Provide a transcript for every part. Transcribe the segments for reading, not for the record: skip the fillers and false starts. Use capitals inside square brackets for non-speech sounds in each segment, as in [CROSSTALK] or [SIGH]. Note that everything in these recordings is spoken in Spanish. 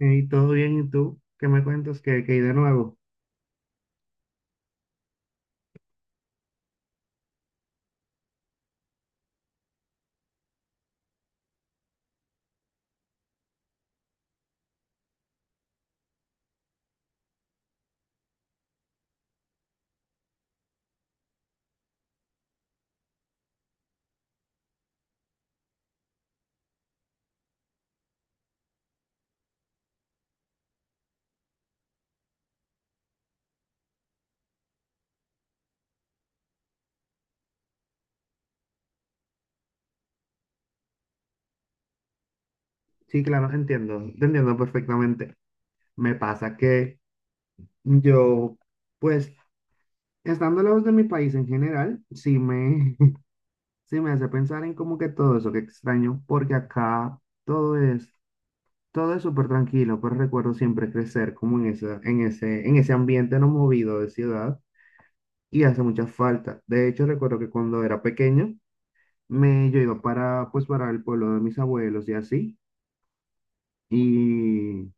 Y todo bien, ¿y tú? ¿Qué me cuentas? ¿Qué hay de nuevo? Sí, claro, entiendo, te entiendo perfectamente. Me pasa que yo, pues, estando lejos de mi país en general, sí me, [LAUGHS] sí me hace pensar en como que todo eso que extraño, porque acá todo es, todo es súper tranquilo, pues recuerdo siempre crecer como en esa, en ese ambiente no movido de ciudad y hace mucha falta. De hecho, recuerdo que cuando era pequeño, yo iba para, pues, para el pueblo de mis abuelos y así. Y,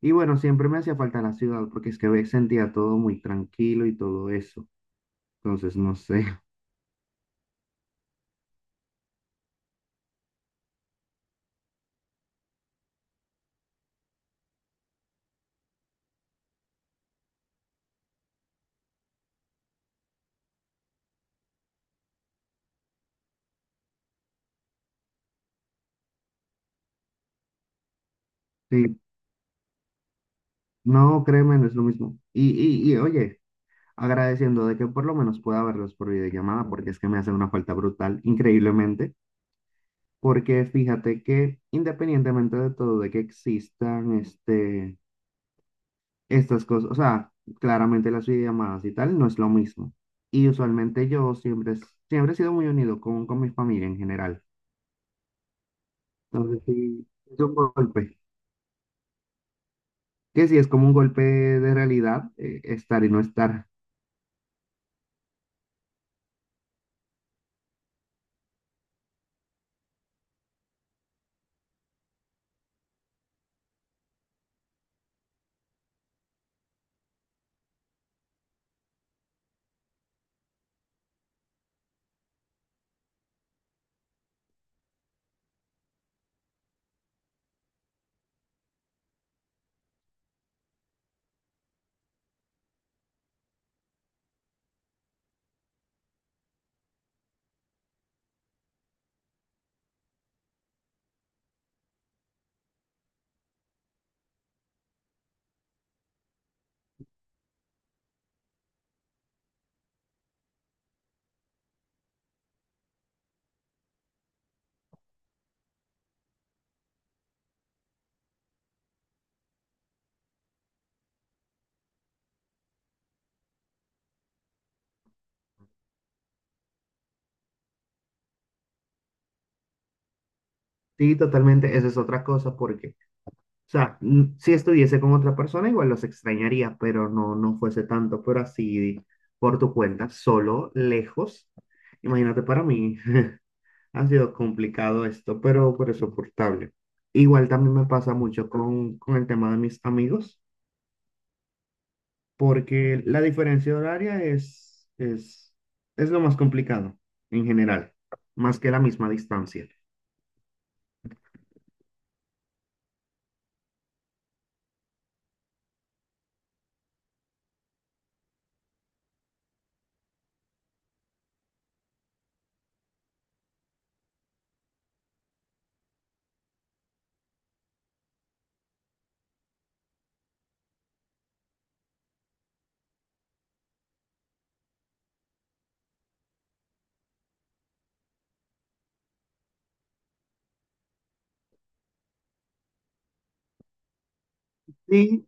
y bueno, siempre me hacía falta la ciudad porque es que sentía todo muy tranquilo y todo eso. Entonces, no sé. [LAUGHS] Sí, no, créeme, no es lo mismo. Y oye, agradeciendo de que por lo menos pueda verlos por videollamada porque es que me hace una falta brutal, increíblemente. Porque fíjate que independientemente de todo, de que existan este, estas cosas, o sea, claramente las videollamadas y tal no es lo mismo. Y usualmente siempre he sido muy unido con mi familia en general. No sé si es un golpe. Que si es como un golpe de realidad, estar y no estar. Sí, totalmente, esa es otra cosa, porque, o sea, mm, si estuviese con otra persona, igual los extrañaría, pero no, no fuese tanto, pero así, por tu cuenta, solo, lejos. Imagínate, para mí [LAUGHS] ha sido complicado esto, pero es soportable. Igual también me pasa mucho con el tema de mis amigos, porque la diferencia horaria es lo más complicado en general, más que la misma distancia. Y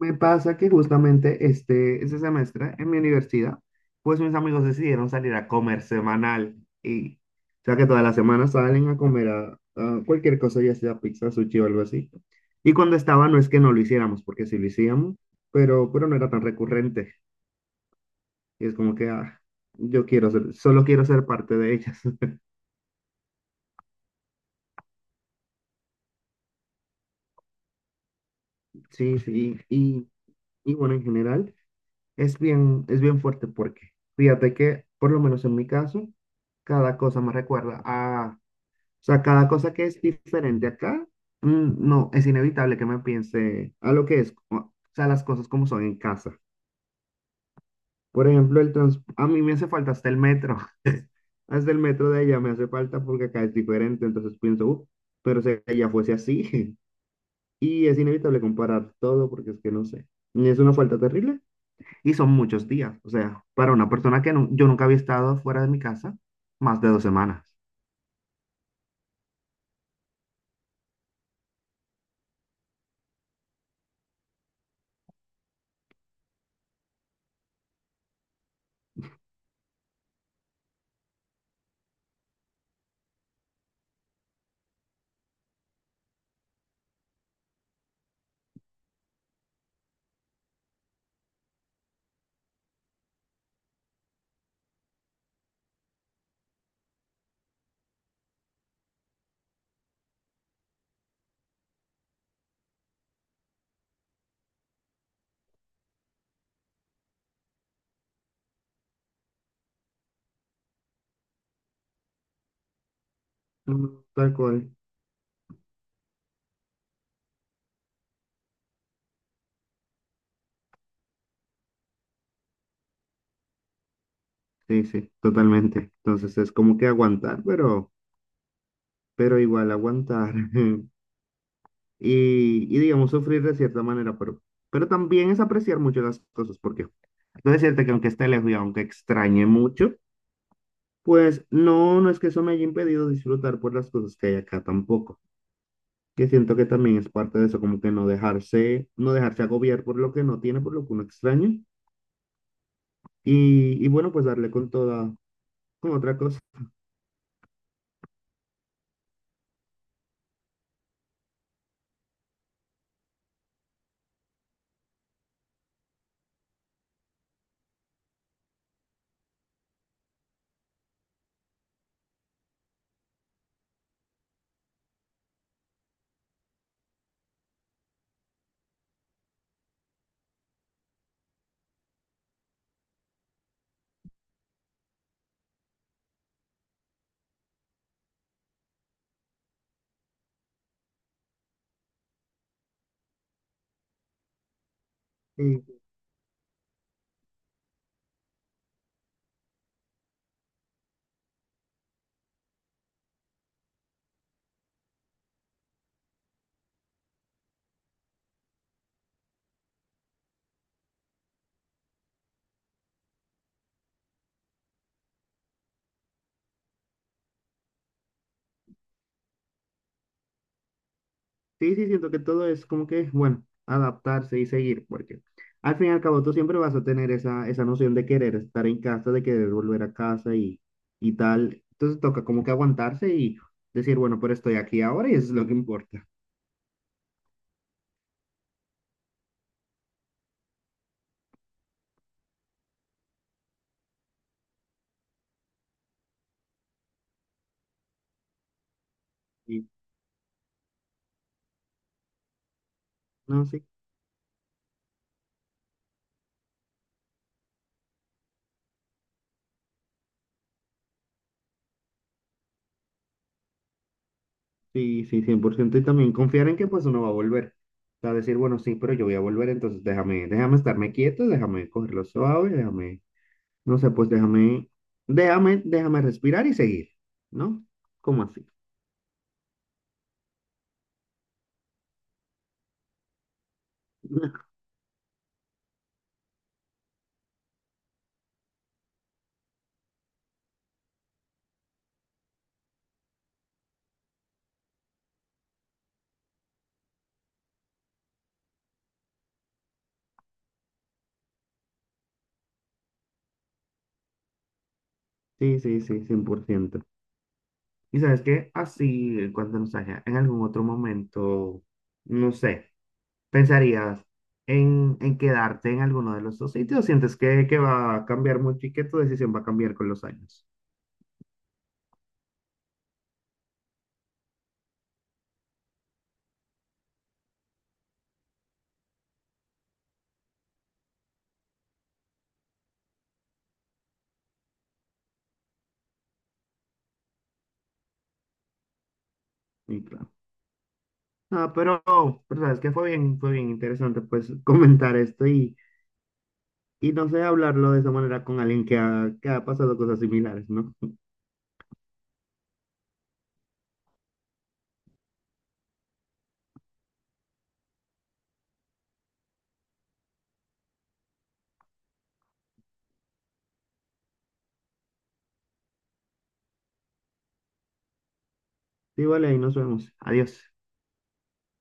me pasa que justamente este semestre en mi universidad, pues mis amigos decidieron salir a comer semanal y o sea que todas las semanas salen a comer a cualquier cosa, ya sea pizza, sushi o algo así. Y cuando estaba, no es que no lo hiciéramos, porque sí lo hacíamos, pero no era tan recurrente. Y es como que, ah, solo quiero ser parte de ellas. [LAUGHS] Sí, sí, y bueno, en general es bien fuerte porque fíjate que, por lo menos en mi caso, cada cosa me recuerda a, o sea, cada cosa que es diferente acá, mm, no, es inevitable que me piense a lo que es, o sea, las cosas como son en casa. Por ejemplo, a mí me hace falta hasta el metro, [LAUGHS] hasta el metro de allá me hace falta porque acá es diferente, entonces pienso, pero si allá fuese así, [LAUGHS] y es inevitable comparar todo porque es que no sé, es una falta terrible. Y son muchos días. O sea, para una persona que yo nunca había estado fuera de mi casa, más de dos semanas. Mm. Tal cual. Sí, sí, totalmente. Entonces es como que aguantar, pero igual aguantar. [LAUGHS] Y digamos, sufrir de cierta manera, pero también es apreciar mucho las cosas, porque debo decirte que aunque esté lejos y aunque extrañe mucho, pues no, no es que eso me haya impedido disfrutar por las cosas que hay acá tampoco, que siento que también es parte de eso, como que no dejarse, no dejarse agobiar por lo que no tiene, por lo que uno extraña, y bueno, pues darle con toda, con otra cosa. Y sí, sí, siento que todo es como que, bueno, adaptarse y seguir, porque al fin y al cabo tú siempre vas a tener esa noción de querer estar en casa, de querer volver a casa y tal, entonces toca como que aguantarse y decir, bueno, pero estoy aquí ahora y eso es lo que importa. Y no sé. Sí, sí, cien por ciento. Y también confiar en que pues uno va a volver. O sea, decir, bueno, sí, pero yo voy a volver, entonces déjame, déjame estarme quieto, déjame cogerlo suave, déjame, no sé, pues déjame, déjame respirar y seguir, ¿no? ¿Cómo así? [LAUGHS] Sí, sí, sí, cien por ciento. Y sabes que así, en cuanto nos haya, en algún otro momento, no sé, ¿pensarías en quedarte en alguno de los dos sitios? ¿Sientes que va a cambiar mucho y que tu decisión va a cambiar con los años? Y claro. Ah, pero sabes que fue bien interesante pues [LAUGHS] comentar esto y no sé, hablarlo de esa manera con alguien que que ha pasado cosas similares, ¿no? Sí, vale, ahí nos vemos. Adiós.